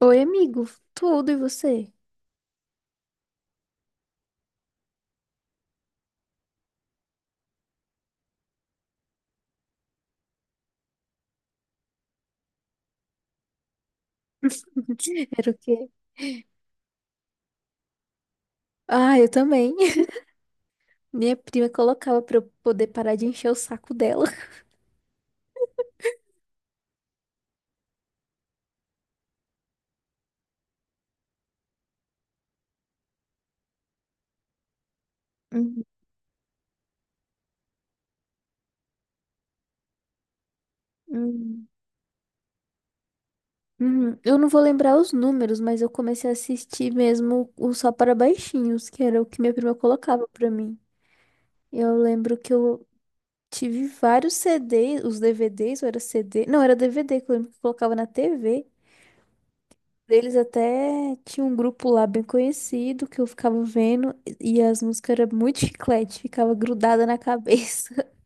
Oi, amigo. Tudo e você? Era o quê? Ah, eu também. Minha prima colocava pra eu poder parar de encher o saco dela. Uhum, uhum. Uhum, eu não vou lembrar os números, mas eu comecei a assistir mesmo o Só para Baixinhos, que era o que minha prima colocava pra mim. Eu lembro que eu tive vários CDs, os DVDs, ou era CD? Não, era DVD que eu lembro que eu colocava na TV. Eles até tinha um grupo lá bem conhecido que eu ficava vendo e as músicas eram muito chiclete, ficava grudada na cabeça.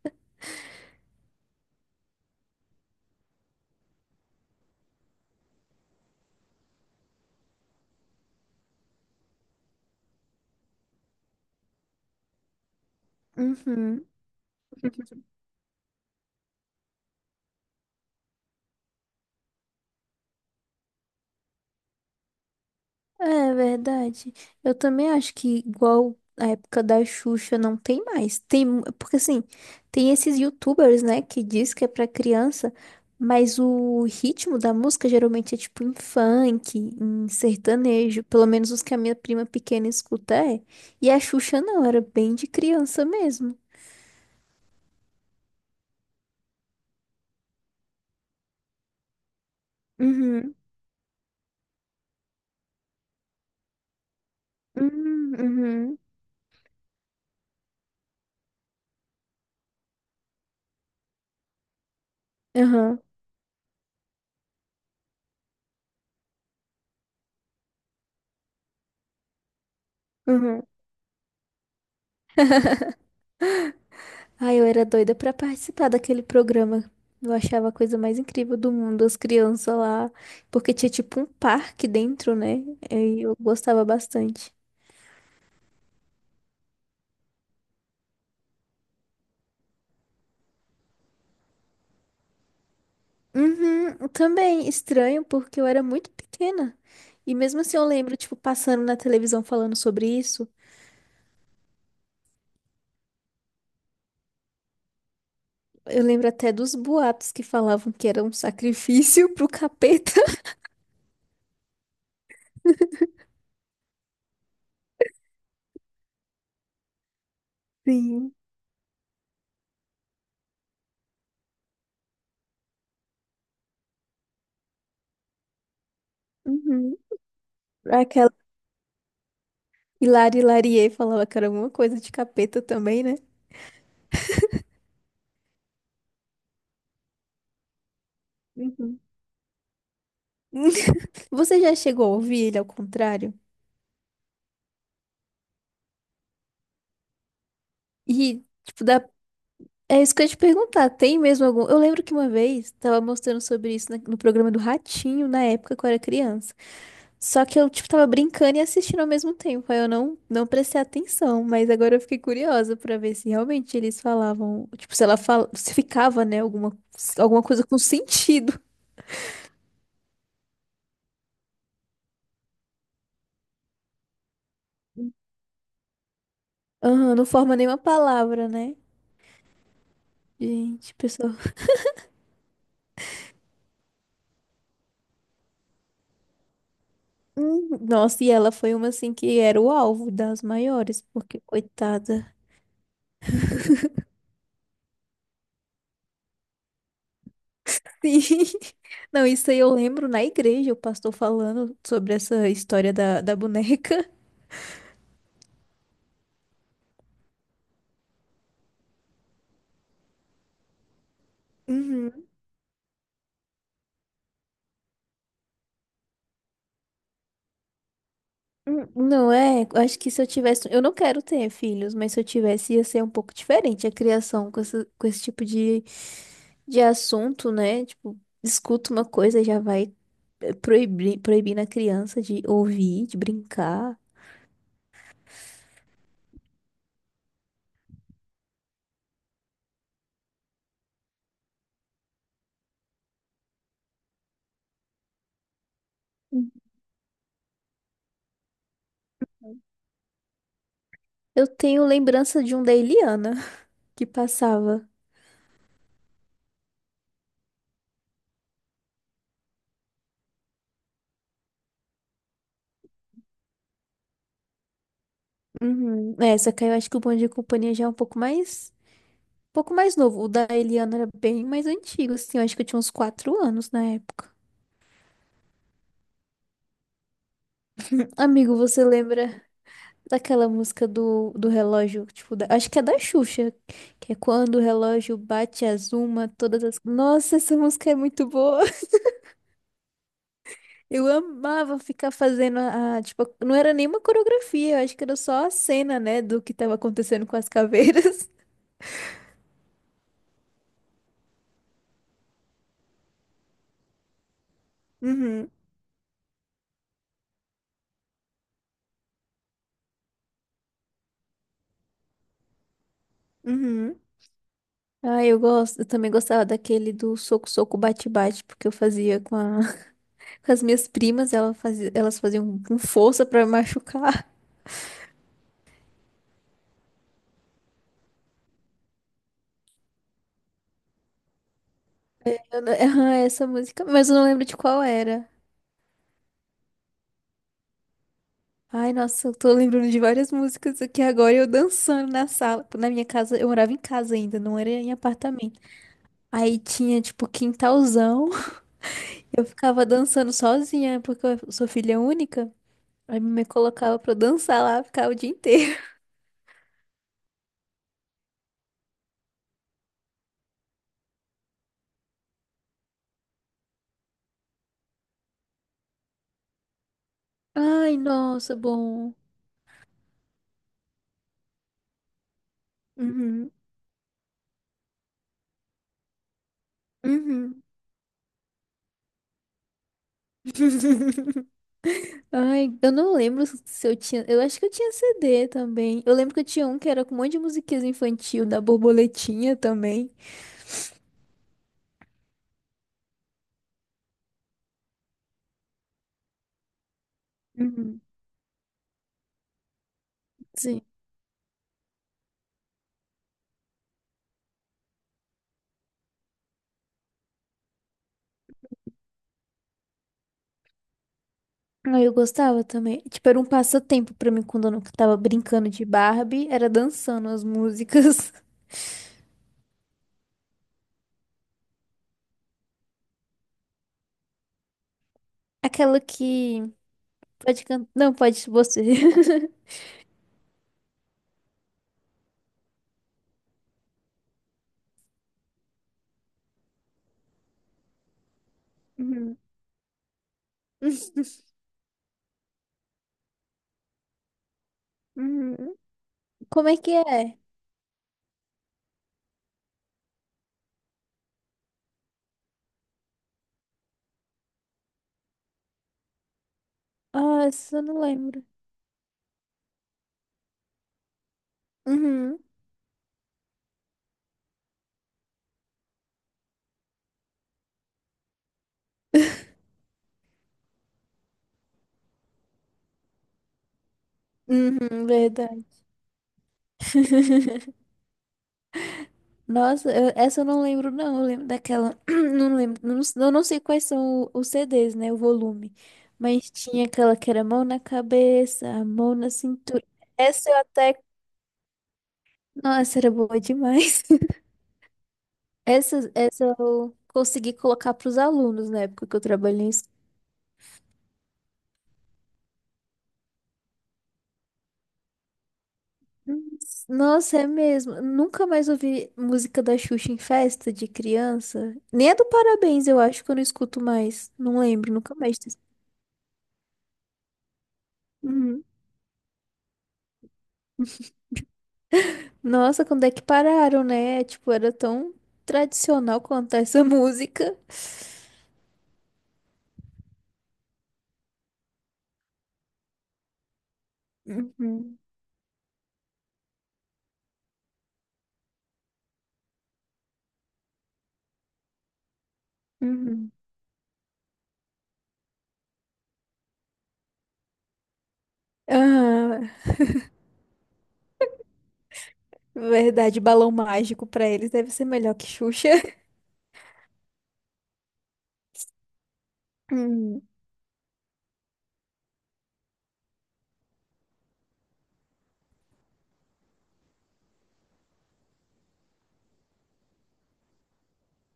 Uhum. É verdade. Eu também acho que igual a época da Xuxa não tem mais. Tem, mu- porque assim, tem esses YouTubers, né, que diz que é pra criança, mas o ritmo da música geralmente é tipo em funk, em sertanejo, pelo menos os que a minha prima pequena escuta é. E a Xuxa não, era bem de criança mesmo. Uhum. Uhum. Aham. Uhum. Ai, eu era doida pra participar daquele programa. Eu achava a coisa mais incrível do mundo, as crianças lá, porque tinha tipo um parque dentro, né? E eu gostava bastante. Uhum, também estranho, porque eu era muito pequena. E mesmo assim eu lembro, tipo, passando na televisão falando sobre isso. Eu lembro até dos boatos que falavam que era um sacrifício pro capeta. Sim. Uhum. Hilari Larié falava que era alguma coisa de capeta também, né? Uhum. Você já chegou a ouvir ele ao contrário? E, tipo, dá... é isso que eu ia te perguntar. Tem mesmo algum. Eu lembro que uma vez tava mostrando sobre isso na- no programa do Ratinho, na época que eu era criança. Só que eu, tipo, tava brincando e assistindo ao mesmo tempo. Aí eu não prestei atenção. Mas agora eu fiquei curiosa pra ver se realmente eles falavam. Tipo, se ela fala... se ficava, né? Alguma, alguma coisa com sentido. Aham, não forma nenhuma palavra, né? Gente, pessoal. Nossa, e ela foi uma assim que era o alvo das maiores, porque coitada. Sim. Não, isso aí eu lembro na igreja, o pastor falando sobre essa história da boneca. Uhum. Não é, eu acho que se eu tivesse, eu não quero ter filhos, mas se eu tivesse ia ser um pouco diferente a criação com esse tipo de assunto, né? Tipo, escuta uma coisa e já vai proibir, proibindo a criança de ouvir, de brincar. Eu tenho lembrança de um da Eliana que passava. Uhum. É, só que aí eu acho que o Bom Dia e Companhia já é um pouco mais novo. O da Eliana era bem mais antigo, assim. Eu acho que eu tinha uns 4 anos na época. Amigo, você lembra daquela música do relógio? Tipo, da- acho que é da Xuxa, que é quando o relógio bate as uma, todas as. Nossa, essa música é muito boa. Eu amava ficar fazendo tipo, não era nenhuma coreografia, eu acho que era só a cena, né, do que tava acontecendo com as caveiras. Uhum, uhum. Ah, eu gosto. Eu também gostava daquele do soco, soco, bate, bate, porque eu fazia com, a- com as minhas primas, ela fazia, elas faziam com força pra me machucar. Eu não- Ah, essa música, mas eu não lembro de qual era. Ai, nossa, eu tô lembrando de várias músicas aqui agora, eu dançando na sala. Na minha casa, eu morava em casa ainda, não era em apartamento. Aí tinha, tipo, quintalzão. Eu ficava dançando sozinha, porque eu sou filha única. Aí me colocava pra eu dançar lá, ficava o dia inteiro. Ai, nossa, bom. Uhum, uhum. Ai, eu não lembro se eu tinha. Eu acho que eu tinha CD também. Eu lembro que eu tinha um que era com um monte de musiquinhas infantil, da borboletinha também. Uhum, sim. Aí eu gostava também. Tipo, era um passatempo pra mim quando eu não tava brincando de Barbie, era dançando as músicas. Aquela que pode cantar. Não, pode você. Uhum. Uhum. Como é que é? Ah, essa eu não lembro. Uhum. Uhum, verdade. Nossa, eu- essa eu não lembro, não. Eu lembro daquela. Não lembro. Não, eu não sei quais são o- os CDs, né? O volume. Mas tinha aquela que era mão na cabeça, a mão na cintura. Essa eu até. Nossa, era boa demais. Essa eu consegui colocar para os alunos na época que eu trabalhei. Em es- nossa, é mesmo. Nunca mais ouvi música da Xuxa em festa de criança. Nem a do Parabéns, eu acho que eu não escuto mais. Não lembro, nunca mais. Nossa, quando é que pararam, né? Tipo, era tão tradicional cantar essa música. Uhum, uhum. Ah, verdade, balão mágico pra eles deve ser melhor que Xuxa. Hum,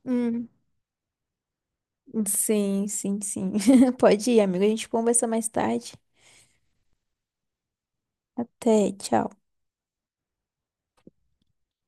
hum. Sim, sim, sim. Pode ir, amigo. A gente conversa mais tarde. Até, tchau.